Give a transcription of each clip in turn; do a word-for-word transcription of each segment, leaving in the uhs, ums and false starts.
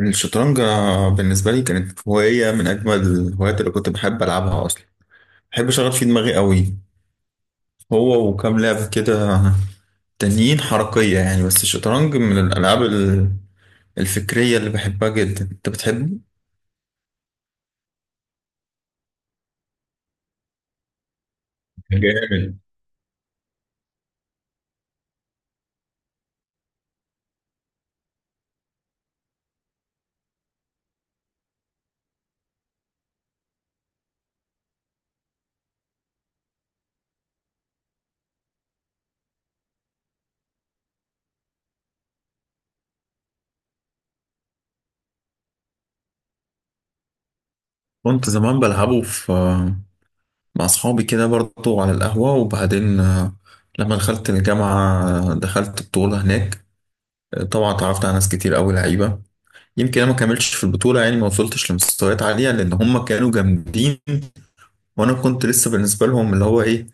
الشطرنج، آه، بالنسبة لي كانت هواية من أجمل الهوايات اللي كنت بحب ألعبها أصلا. بحب أشغل فيه دماغي قوي. هو وكام لعبة كده تانيين حركية يعني، بس الشطرنج من الألعاب ال- الفكرية اللي بحبها جدا. أنت بتحبه؟ جامد. كنت زمان بلعبه في مع أصحابي كده برضه على القهوة، وبعدين آه، لما دخلت الجامعة آه، دخلت بطولة هناك. آه، طبعا اتعرفت على ناس كتير أوي لعيبة. يمكن انا ما كملتش في البطوله، يعني ما وصلتش لمستويات عاليه، لان هم كانوا جامدين وانا كنت لسه بالنسبه لهم اللي هو ايه،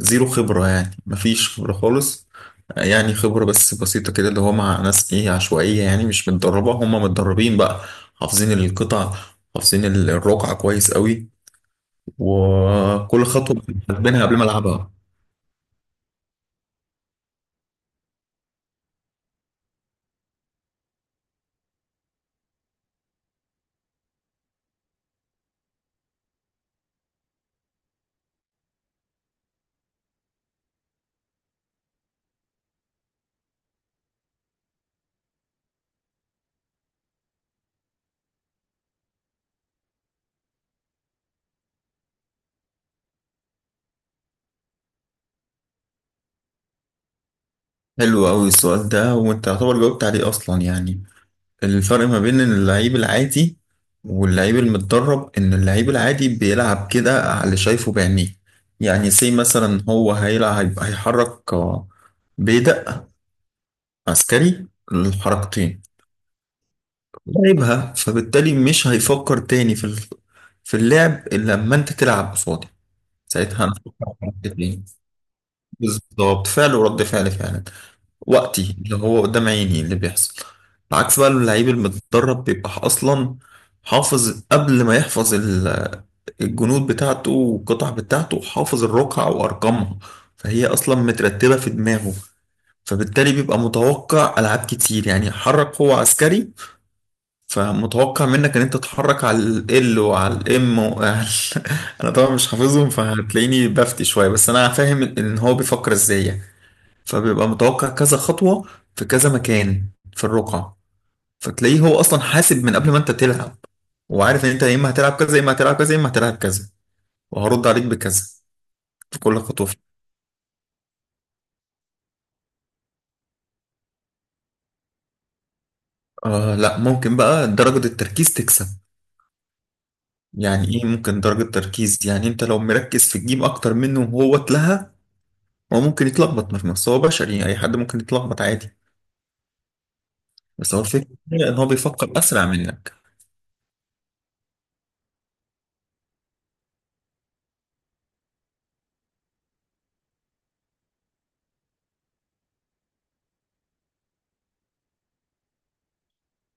زيرو خبره، يعني ما فيش خبره خالص. يعني خبره بس بسيطه كده، اللي هو مع ناس ايه عشوائيه، يعني مش متدربه. هم متدربين بقى، حافظين القطع، حافظين الرقعه كويس قوي، وكل خطوه حاسبينها قبل ما العبها. حلو قوي السؤال ده، وانت يعتبر جاوبت عليه اصلا. يعني الفرق ما بين اللعيب العادي واللعيب المتدرب، ان اللعيب العادي بيلعب كده على اللي شايفه بعينيه. يعني سي مثلا، هو هيلعب هيحرك، آه، بيدق عسكري، الحركتين لعبها، فبالتالي مش هيفكر تاني في ال- في اللعب الا لما انت تلعب قصادي. ساعتها هنفكر في الحركتين. بالظبط، فعل ورد فعل فعلا. وقتي اللي هو قدام عيني اللي بيحصل. العكس بقى، اللعيب المتدرب بيبقى اصلا حافظ، قبل ما يحفظ ال- الجنود بتاعته والقطع بتاعته، حافظ الرقعة وارقامها، فهي اصلا مترتبة في دماغه. فبالتالي بيبقى متوقع العاب كتير. يعني حرك هو عسكري، فمتوقع منك ان انت تتحرك على ال، وعلى الام، وعلى انا طبعا مش حافظهم، فهتلاقيني بفتي شوية، بس انا فاهم ان هو بيفكر ازاي يعني. فبيبقى متوقع كذا خطوة في كذا مكان في الرقعة. فتلاقيه هو أصلا حاسب من قبل ما أنت تلعب، وعارف إن أنت يا إما هتلعب كذا، يا إما هتلعب كذا، يا إما هتلعب كذا، وهرد عليك بكذا في كل خطوة فيه. آه لا، ممكن بقى درجة التركيز تكسب. يعني إيه؟ ممكن درجة تركيز، يعني أنت لو مركز في الجيم أكتر منه وهو اتلهى، هو ممكن يتلخبط. مش بس هو، بشري يعني، أي حد ممكن يتلخبط عادي. بس هو الفكرة إن هو بيفكر أسرع منك.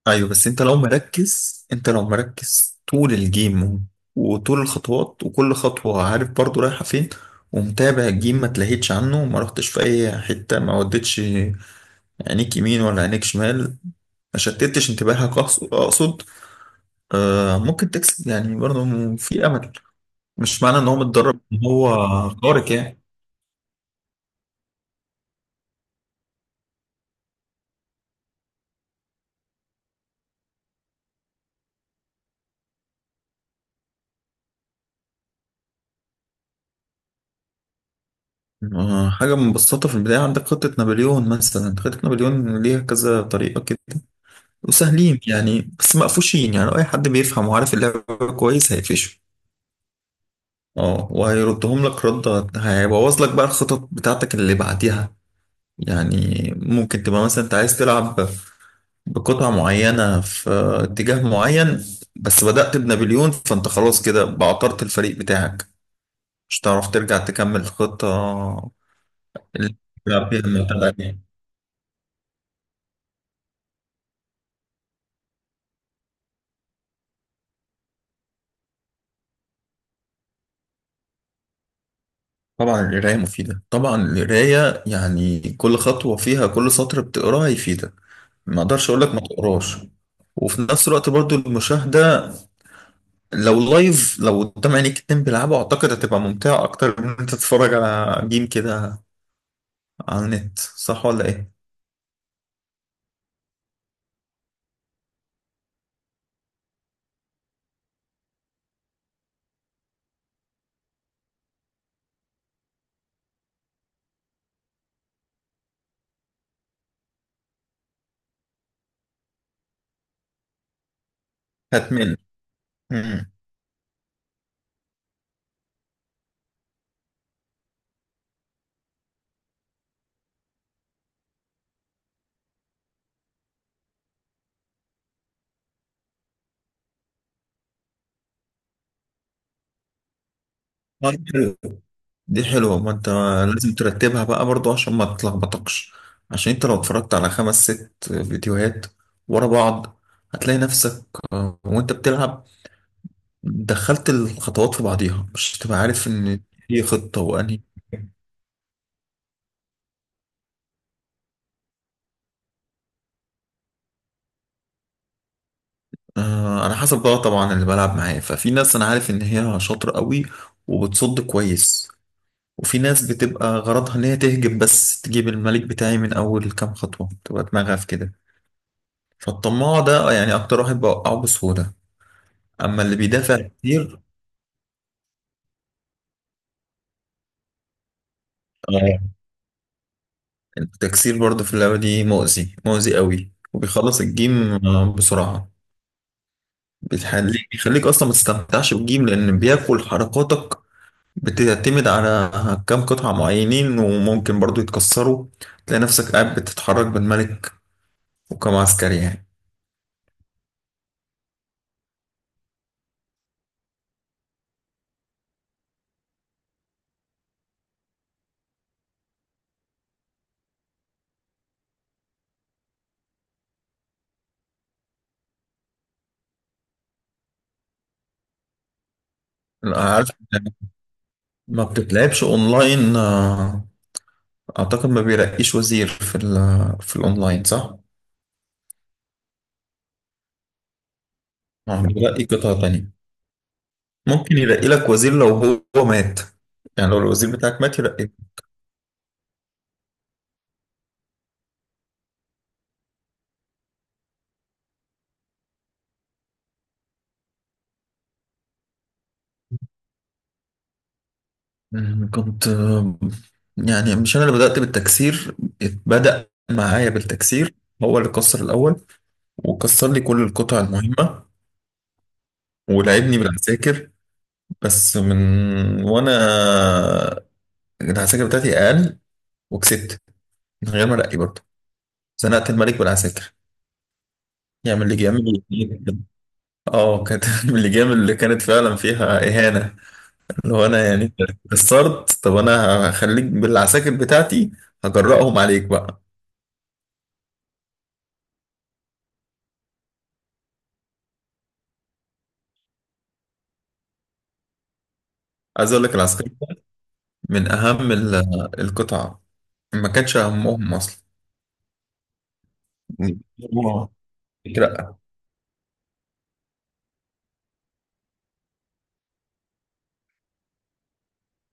ايوه، بس انت لو مركز، انت لو مركز طول الجيم وطول الخطوات، وكل خطوة عارف برضو رايحة فين، ومتابع الجيم، ما تلهيتش عنه، ما رحتش في اي حتة، ما وديتش عينيك يمين ولا عينيك شمال، ما شتتش انتباهك أقص- اقصد، آه ممكن تكسب يعني برضو. في امل، مش معنى ان هو متدرب ان هو خارق يعني. آه، حاجة مبسطة في البداية، عندك خطة نابليون مثلا. خطة نابليون ليها كذا طريقة كده، وسهلين يعني، بس مقفوشين. يعني اي حد بيفهم وعارف اللعبه كويس هيقفشه. اه، وهيردهم لك رده، هيبوظ لك بقى الخطط بتاعتك اللي بعديها. يعني ممكن تبقى مثلا انت عايز تلعب بقطعة معينة في اتجاه معين، بس بدأت بنابليون، فانت خلاص كده بعطرت الفريق بتاعك، مش هتعرف ترجع تكمل الخطة اللي بتلعب بيها من بعدين. طبعا القراية مفيدة، طبعا القراية. يعني كل خطوة فيها، كل سطر بتقراه هيفيدك، ما اقدرش اقول لك ما تقراش. وفي نفس الوقت برضو المشاهدة، لو لايف، لو قدام عينيك اتنين بيلعبوا، اعتقد هتبقى ممتعة اكتر من إن انت تتفرج على جيم كده على النت. صح ولا ايه؟ هتمل. مم. طيب، حلو. دي حلوة، ما انت لازم ترتبها بقى برضو عشان ما تتلخبطكش. عشان انت لو اتفرجت على خمس ست فيديوهات ورا بعض، هتلاقي نفسك آه، وانت بتلعب دخلت الخطوات في بعضيها، مش هتبقى عارف ان هي خطة وانهي. آه، على حسب بقى طبعا اللي بلعب معاه. ففي ناس انا عارف ان هي شاطرة قوي وبتصد كويس، وفي ناس بتبقى غرضها ان هي تهجم بس، تجيب الملك بتاعي من اول كام خطوة، تبقى دماغها في كده. فالطماع ده يعني اكتر واحد بوقعه بسهولة، اما اللي بيدافع كتير. آه، التكسير برضه في اللعبه دي مؤذي مؤذي قوي، وبيخلص الجيم آه، بسرعه. بيخليك بيخليك اصلا ما تستمتعش بالجيم، لان بياكل حركاتك. بتعتمد على كام قطعه معينين، وممكن برضه يتكسروا، تلاقي نفسك قاعد بتتحرك بالملك وكم عسكري يعني. لا، عارف. ما بتتلعبش اونلاين. آه، اعتقد ما بيرقيش وزير في ال- في الاونلاين، صح؟ آه، بيرقي قطعه تانية. ممكن يرقي لك وزير لو هو مات، يعني لو الوزير بتاعك مات يرقي. أمم، كنت آه، يعني مش انا اللي بدأت بالتكسير، بدأ معايا بالتكسير، هو اللي كسر الاول وكسر لي كل القطع المهمة، ولعبني بالعساكر، بس من وانا العساكر بتاعتي اقل، وكسبت من غير ما ارقي برضه. زنقت الملك بالعساكر، يعمل اللي جامد. اه، كانت من اللي جامد، اللي كانت فعلا فيها اهانة. لو انا يعني قصرت، طب انا هخليك بالعساكر بتاعتي، هجرأهم عليك بقى. عايز اقول لك، العسكري ده من اهم ال- القطع. ما كانش اهمهم اصلا. آه. لا.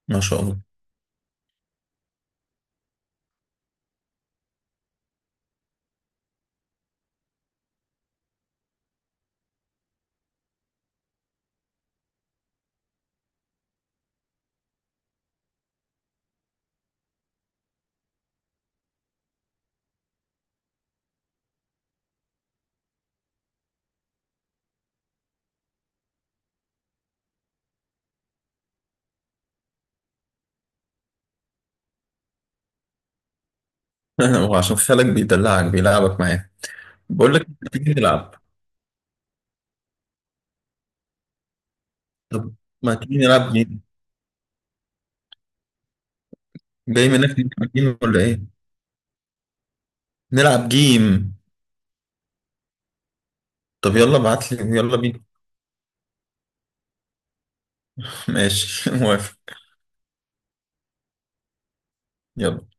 ما شاء الله. وعشان خالك بيدلعك بيلعبك معاه، بقول لك تيجي نلعب. طب ما تيجي نلعب جيم، جاي منك نلعب جيم ولا ايه؟ نلعب جيم. طب يلا ابعت لي، يلا بينا. ماشي، موافق. يلا.